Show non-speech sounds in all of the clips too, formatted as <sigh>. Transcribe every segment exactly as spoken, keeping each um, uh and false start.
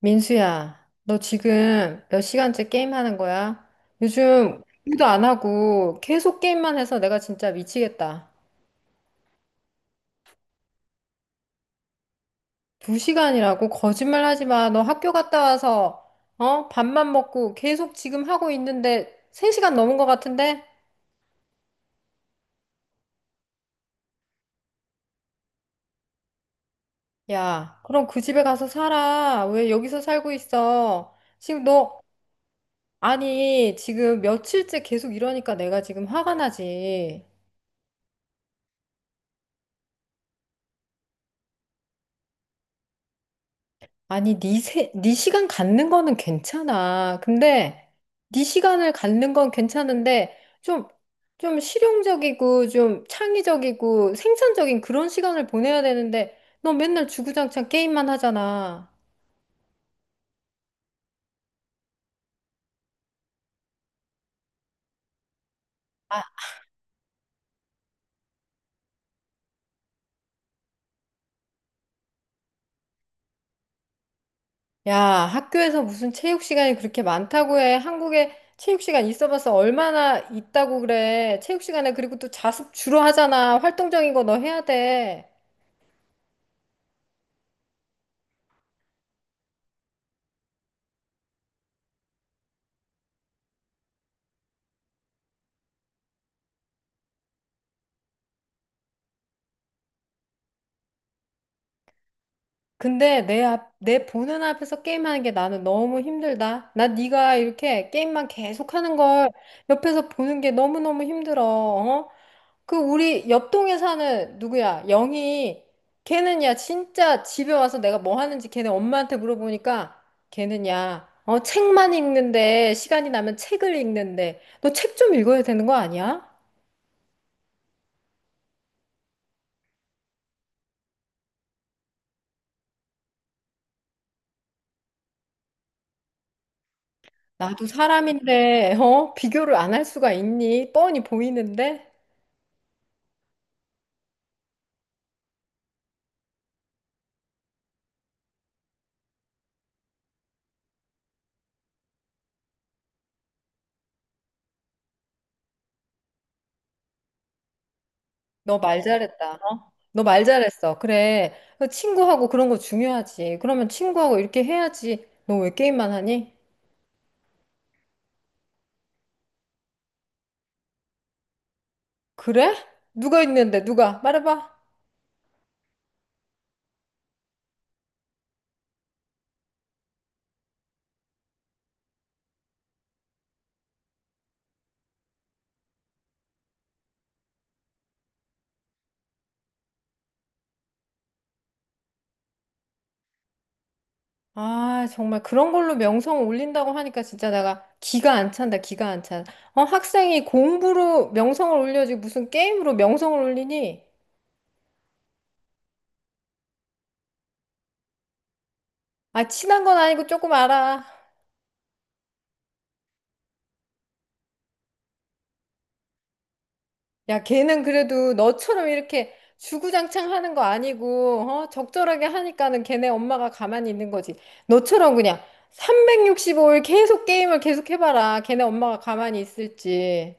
민수야, 너 지금 몇 시간째 게임하는 거야? 요즘 일도 안 하고 계속 게임만 해서 내가 진짜 미치겠다. 두 시간이라고? 거짓말 하지 마. 너 학교 갔다 와서, 어? 밥만 먹고 계속 지금 하고 있는데 세 시간 넘은 것 같은데? 야, 그럼 그 집에 가서 살아. 왜 여기서 살고 있어? 지금 너, 아니, 지금 며칠째 계속 이러니까 내가 지금 화가 나지. 아니, 네 세, 네 시간 갖는 거는 괜찮아. 근데 네 시간을 갖는 건 괜찮은데 좀, 좀 실용적이고 좀 창의적이고 생산적인 그런 시간을 보내야 되는데 너 맨날 주구장창 게임만 하잖아. 아, 야, 학교에서 무슨 체육 시간이 그렇게 많다고 해. 한국에 체육 시간 있어봤자 얼마나 있다고 그래. 체육 시간에 그리고 또 자습 주로 하잖아. 활동적인 거 너 해야 돼. 근데 내 앞, 내 보는 앞에서 게임하는 게 나는 너무 힘들다. 나 네가 이렇게 게임만 계속하는 걸 옆에서 보는 게 너무너무 힘들어. 어? 그 우리 옆동에 사는 누구야? 영희. 걔는 야 진짜 집에 와서 내가 뭐 하는지 걔네 엄마한테 물어보니까 걔는 야 어, 책만 읽는데 시간이 나면 책을 읽는데 너 책 좀 읽어야 되는 거 아니야? 나도 사람인데 어? 비교를 안 할 수가 있니? 뻔히 보이는데. 너 말 잘했다. 어? 너 말 잘했어. 그래. 그 친구하고 그런 거 중요하지. 그러면 친구하고 이렇게 해야지. 너 왜 게임만 하니? 그래? 누가 있는데? 누가? 말해봐. 아, 정말 그런 걸로 명성 올린다고 하니까 진짜 내가 기가 안 찬다. 기가 안 찬. 어, 학생이 공부로 명성을 올려지 무슨 게임으로 명성을 올리니? 아, 친한 건 아니고 조금 알아. 야, 걔는 그래도 너처럼 이렇게 주구장창 하는 거 아니고, 어? 적절하게 하니까는 걔네 엄마가 가만히 있는 거지. 너처럼 그냥 삼백육십오 일 계속 게임을 계속 해봐라. 걔네 엄마가 가만히 있을지.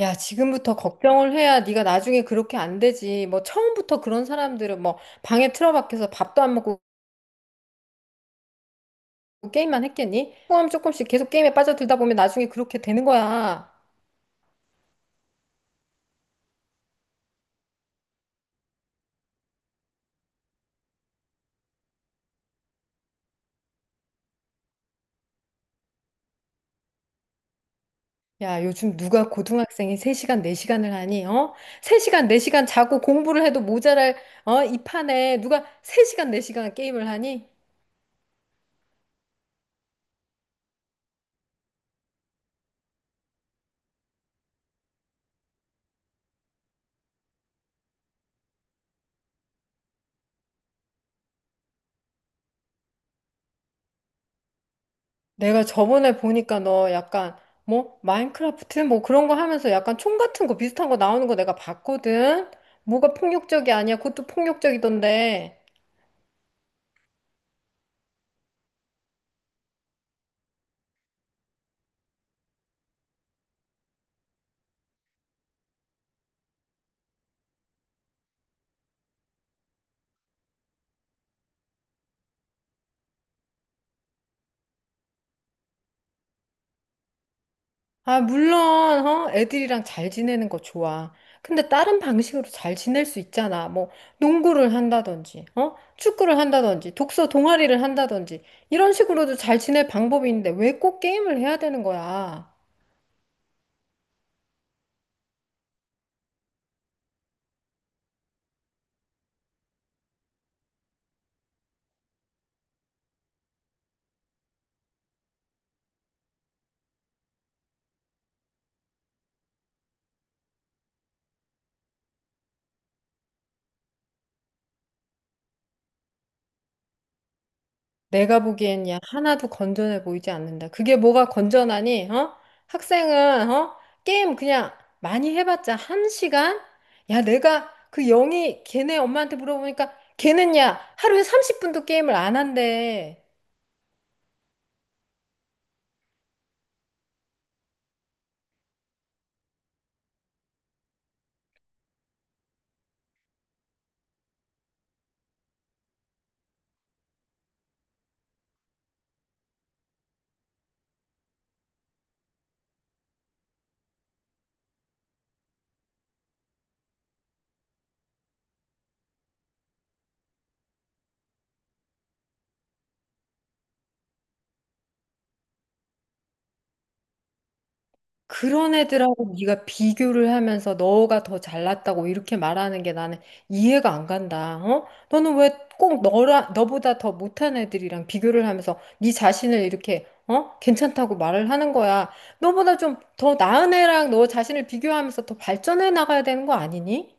야, 지금부터 걱정을 해야 네가 나중에 그렇게 안 되지. 뭐 처음부터 그런 사람들은 뭐 방에 틀어박혀서 밥도 안 먹고 게임만 했겠니? 조금 조금씩 계속 게임에 빠져들다 보면 나중에 그렇게 되는 거야. 야, 요즘 누가 고등학생이 세 시간, 네 시간을 하니? 어? 세 시간, 네 시간 자고 공부를 해도 모자랄 어? 이 판에 누가 세 시간, 네 시간 게임을 하니? 내가 저번에 보니까 너 약간 뭐 마인크래프트 뭐 그런 거 하면서 약간 총 같은 거 비슷한 거 나오는 거 내가 봤거든. 뭐가 폭력적이 아니야. 그것도 폭력적이던데. 아, 물론, 어? 애들이랑 잘 지내는 거 좋아. 근데 다른 방식으로 잘 지낼 수 있잖아. 뭐, 농구를 한다든지, 어? 축구를 한다든지, 독서 동아리를 한다든지, 이런 식으로도 잘 지낼 방법이 있는데 왜 꼭 게임을 해야 되는 거야? 내가 보기엔 야, 하나도 건전해 보이지 않는다. 그게 뭐가 건전하니, 어? 학생은, 어? 게임 그냥 많이 해봤자 한 시간? 야, 내가 그 영희 걔네 엄마한테 물어보니까 걔는 야, 하루에 삼십 분도 게임을 안 한대. 그런 애들하고 네가 비교를 하면서 너가 더 잘났다고 이렇게 말하는 게 나는 이해가 안 간다. 어? 너는 왜 꼭 너라 너보다 더 못한 애들이랑 비교를 하면서 네 자신을 이렇게 어? 괜찮다고 말을 하는 거야. 너보다 좀 더 나은 애랑 너 자신을 비교하면서 더 발전해 나가야 되는 거 아니니?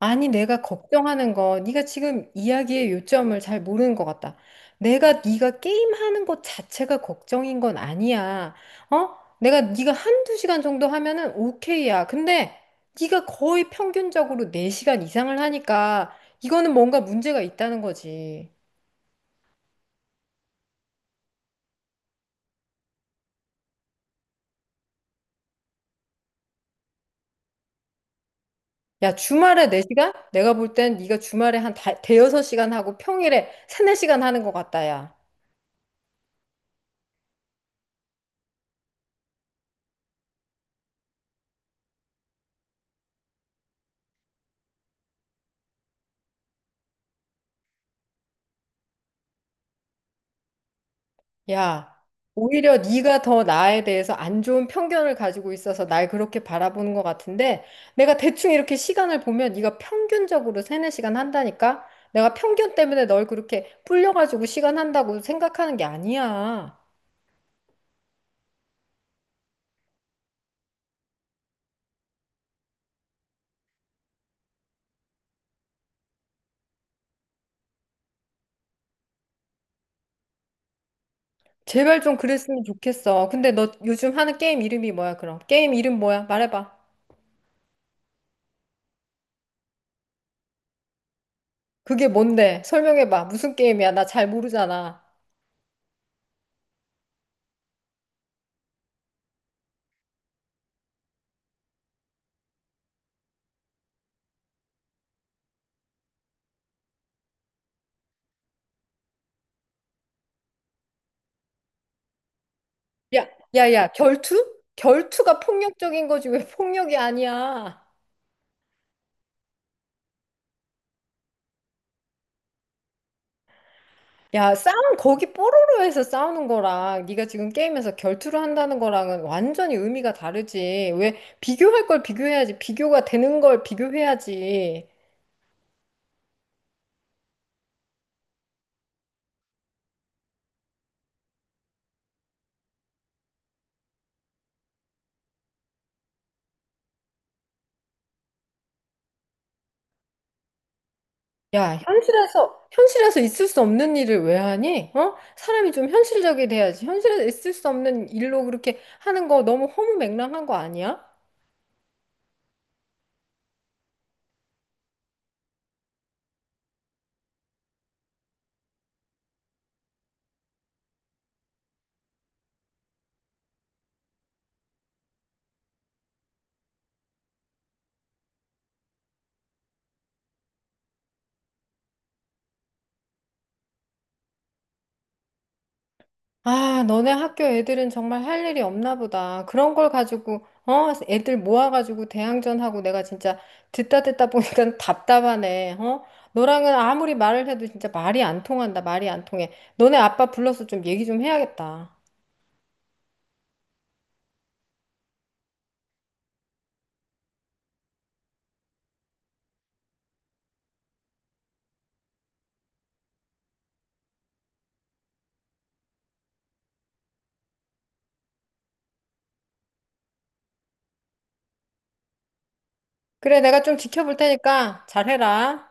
아니, 내가 걱정하는 거, 네가 지금 이야기의 요점을 잘 모르는 것 같다. 내가 네가 게임하는 것 자체가 걱정인 건 아니야. 어? 내가 네가 한두 시간 정도 하면은 오케이야. 근데 네가 거의 평균적으로 네 시간 이상을 하니까 이거는 뭔가 문제가 있다는 거지. 야, 주말에 네 시간? 내가 볼 땐 네가 주말에 한 다, 대여섯 시간 하고 평일에 세네 시간 하는 것 같다, 야. 야, 오히려 네가 더 나에 대해서 안 좋은 편견을 가지고 있어서 날 그렇게 바라보는 것 같은데 내가 대충 이렇게 시간을 보면 네가 평균적으로 세네 시간 한다니까? 내가 편견 때문에 널 그렇게 불려가지고 시간 한다고 생각하는 게 아니야. 제발 좀 그랬으면 좋겠어. 근데 너 요즘 하는 게임 이름이 뭐야, 그럼? 게임 이름 뭐야? 말해봐. 그게 뭔데? 설명해봐. 무슨 게임이야? 나 잘 모르잖아. 야, 야, 야, 결투? 결투가 폭력적인 거지. 왜 폭력이 아니야? 야, 싸움 거기 뽀로로에서 싸우는 거랑 네가 지금 게임에서 결투를 한다는 거랑은 완전히 의미가 다르지. 왜 비교할 걸 비교해야지. 비교가 되는 걸 비교해야지. 야, 현실에서 현실에서 있을 수 없는 일을 왜 하니? 어? 사람이 좀 현실적이 돼야지. 현실에서 있을 수 없는 일로 그렇게 하는 거 너무 허무맹랑한 거 아니야? 아, 너네 학교 애들은 정말 할 일이 없나 보다. 그런 걸 가지고, 어, 애들 모아가지고 대항전하고 내가 진짜 듣다 듣다 보니까 <laughs> 답답하네, 어? 너랑은 아무리 말을 해도 진짜 말이 안 통한다, 말이 안 통해. 너네 아빠 불러서 좀 얘기 좀 해야겠다. 그래, 내가 좀 지켜볼 테니까 잘해라.